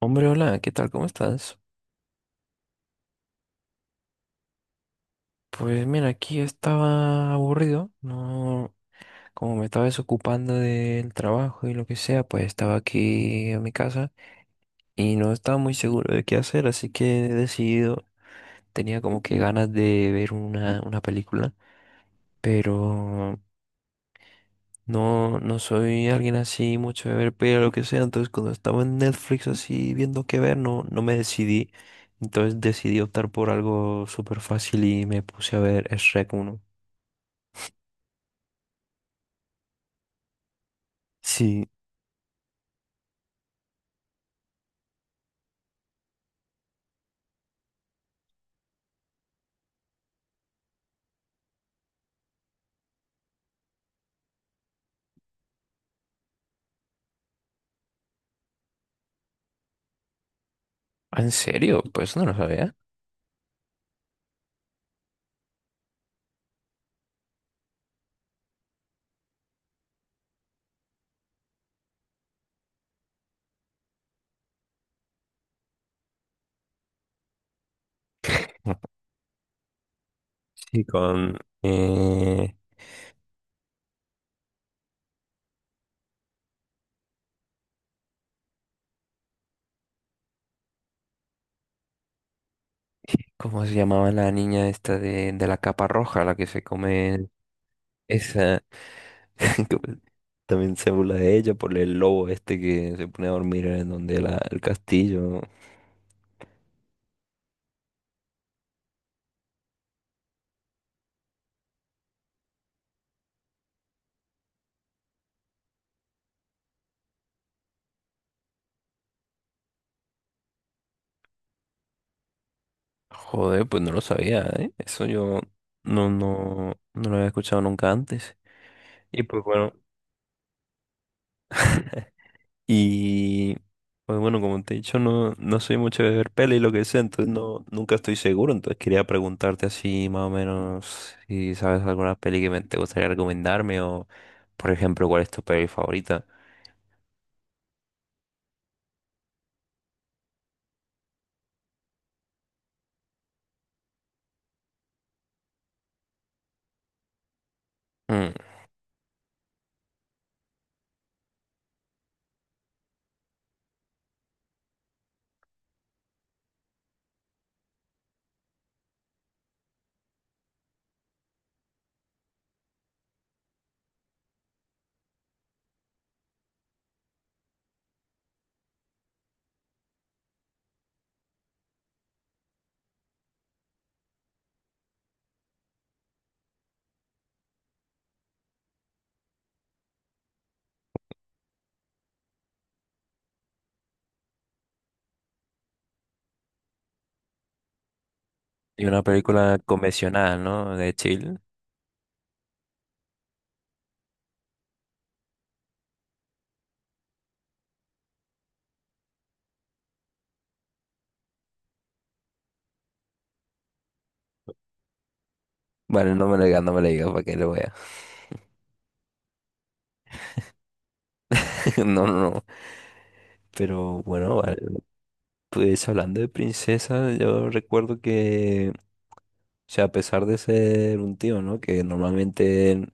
Hombre, hola, ¿qué tal? ¿Cómo estás? Pues mira, aquí estaba aburrido, no, como me estaba desocupando del trabajo y lo que sea, pues estaba aquí en mi casa y no estaba muy seguro de qué hacer, así que he decidido, tenía como que ganas de ver una película, pero no soy alguien así mucho de ver películas, lo que sea, entonces cuando estaba en Netflix así viendo qué ver, no me decidí, entonces decidí optar por algo súper fácil y me puse a ver Shrek uno. Sí, ¿en serio? Pues no lo sabía. Sí, con... ¿cómo se llamaba la niña esta de la capa roja, la que se come esa? Que también se burla de ella por el lobo este que se pone a dormir en donde la, el castillo. Joder, pues no lo sabía, ¿eh? Eso yo no lo había escuchado nunca antes. Y pues bueno. Y pues bueno, como te he dicho, no, no soy mucho de ver peli y lo que sea, entonces no, nunca estoy seguro. Entonces quería preguntarte así más o menos si sabes alguna peli que me, te gustaría recomendarme o, por ejemplo, cuál es tu peli favorita. Mm, Y una película convencional, ¿no? De chill. Vale, no me lo digas, no me lo digas para que lo vea. No, no, no. Pero bueno, vale. Pues hablando de princesas, yo recuerdo que, o sea, a pesar de ser un tío, ¿no? Que normalmente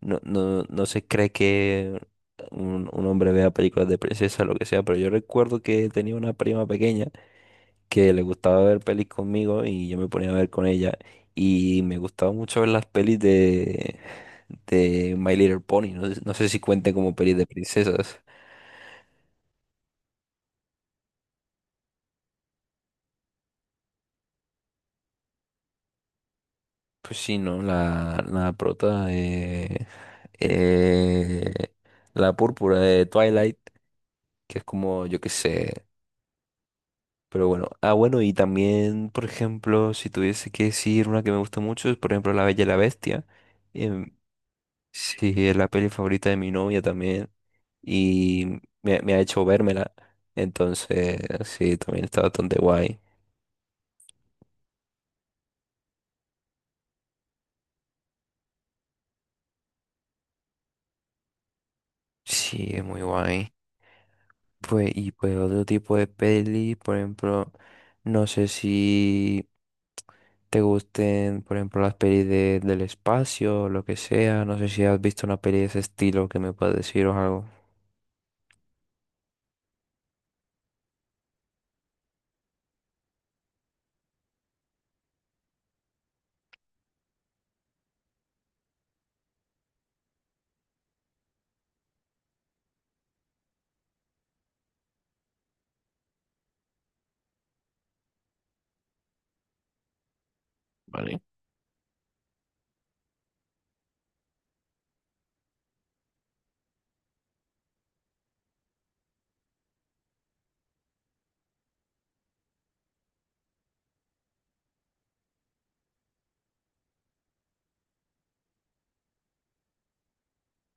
no se cree que un hombre vea películas de princesa, lo que sea, pero yo recuerdo que tenía una prima pequeña que le gustaba ver pelis conmigo y yo me ponía a ver con ella y me gustaba mucho ver las pelis de My Little Pony, no, sé no sé si cuenten como pelis de princesas. Pues sí, ¿no? La prota... eh, la púrpura de Twilight que es como, yo qué sé. Pero bueno, ah, bueno, y también, por ejemplo, si tuviese que decir una que me gusta mucho, es por ejemplo La Bella y la Bestia. Em, sí, es la peli favorita de mi novia también. Y me ha hecho vérmela. Entonces, sí, también está bastante guay. Sí, es muy guay. Pues, y pues otro tipo de peli, por ejemplo, no sé si te gusten, por ejemplo, las pelis de- del espacio o lo que sea. No sé si has visto una peli de ese estilo que me puedes decir o algo.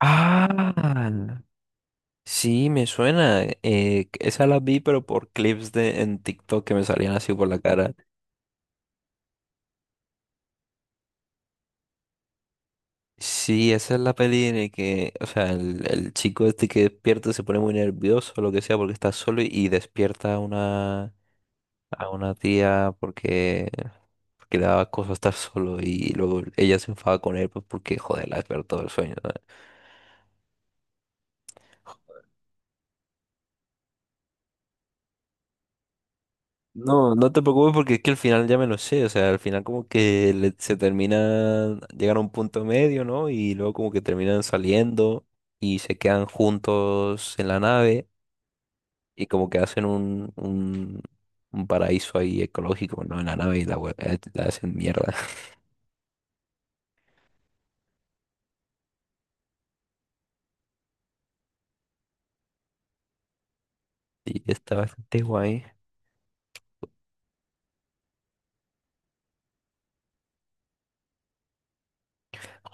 Ah, sí, me suena. Esa la vi, pero por clips de en TikTok que me salían así por la cara. Sí, esa es la peli en la que, o sea, el chico este que despierta se pone muy nervioso o lo que sea porque está solo y despierta una, a una tía porque, porque le daba cosa estar solo y luego ella se enfadaba con él pues porque, joder, le despertó todo el sueño, ¿no? No, no te preocupes porque es que al final ya me lo sé, o sea, al final como que le- se termina, llegan a un punto medio, ¿no? Y luego como que terminan saliendo y se quedan juntos en la nave y como que hacen un paraíso ahí ecológico, ¿no? En la nave y la, hue- la hacen mierda. Y está bastante guay.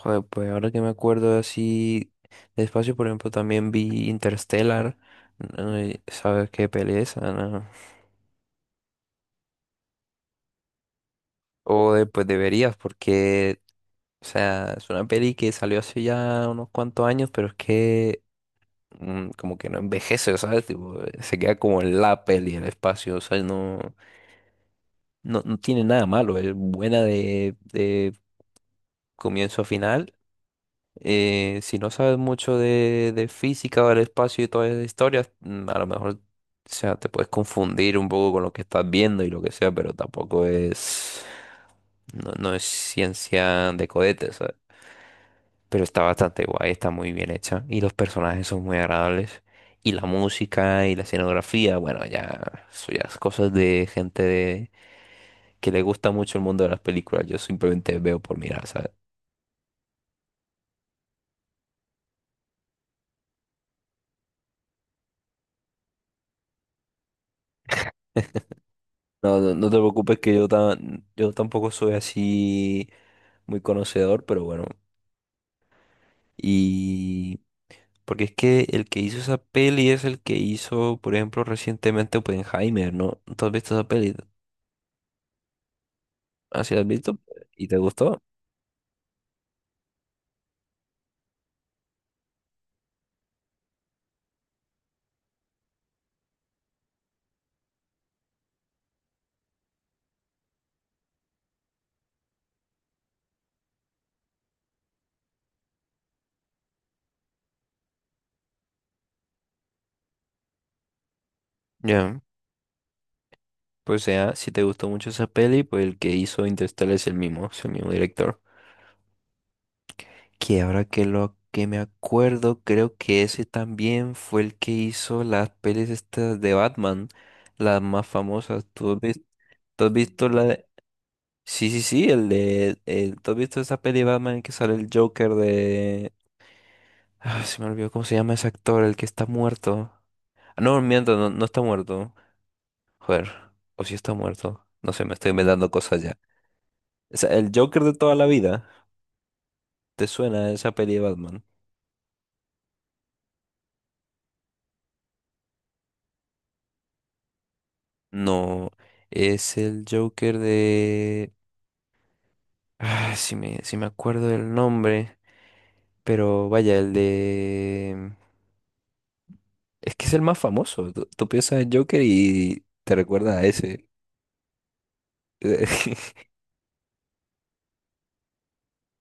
Joder, pues ahora que me acuerdo así de espacio, por ejemplo, también vi Interstellar. Ay, ¿sabes qué pereza, no? O pues deberías, porque, o sea, es una peli que salió hace ya unos cuantos años, pero es que como que no envejece, ¿sabes? Tipo, se queda como en la peli, el espacio, o sea, no tiene nada malo, es buena de comienzo a final. Si no sabes mucho de física o del espacio y todas esas historias, a lo mejor, o sea, te puedes confundir un poco con lo que estás viendo y lo que sea, pero tampoco es, no es ciencia de cohetes, ¿sabes? Pero está bastante guay, está muy bien hecha y los personajes son muy agradables y la música y la escenografía, bueno, ya, son ya es cosas de gente de- que le gusta mucho el mundo de las películas, yo simplemente veo por mirar, ¿sabes? No, no, no te preocupes que yo, tan, yo tampoco soy así muy conocedor, pero bueno. Y porque es que el que hizo esa peli es el que hizo, por ejemplo, recientemente Oppenheimer, ¿no? ¿Tú has visto esa peli? ¿Ah, sí la has visto? ¿Y te gustó? Ya. Pues sea, si te gustó mucho esa peli, pues el que hizo Interstellar es el mismo director. Que ahora que lo que me acuerdo, creo que ese también fue el que hizo las pelis estas de Batman, las más famosas. ¿Tú has visto? ¿Tú has visto la de... sí, sí, sí, el de... el- ¿Tú has visto esa peli de Batman en que sale el Joker de... ah, se me olvidó cómo se llama ese actor, el que está muerto. Ah, no, miento, no, no está muerto. Joder, o si está muerto. No sé, me estoy inventando cosas ya. O sea, el Joker de toda la vida. ¿Te suena esa peli de Batman? No, es el Joker de... ah, si me, si me acuerdo del nombre. Pero vaya, el de... es que es el más famoso. Tú piensas en Joker y te recuerda a ese.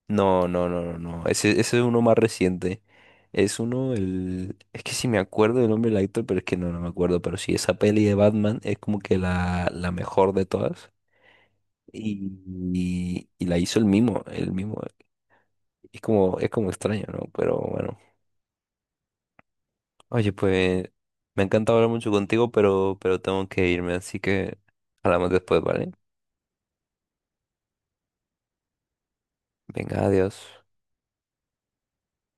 No, no, no, no, no. Ese es uno más reciente. Es uno, el... es que sí me acuerdo del nombre del actor, pero es que no, no me acuerdo. Pero sí, esa peli de Batman es como que la mejor de todas. Y, y la hizo el mismo, el mismo. Es como extraño, ¿no? Pero bueno. Oye, pues me ha encantado hablar mucho contigo, pero tengo que irme, así que hablamos después, ¿vale? Venga, adiós.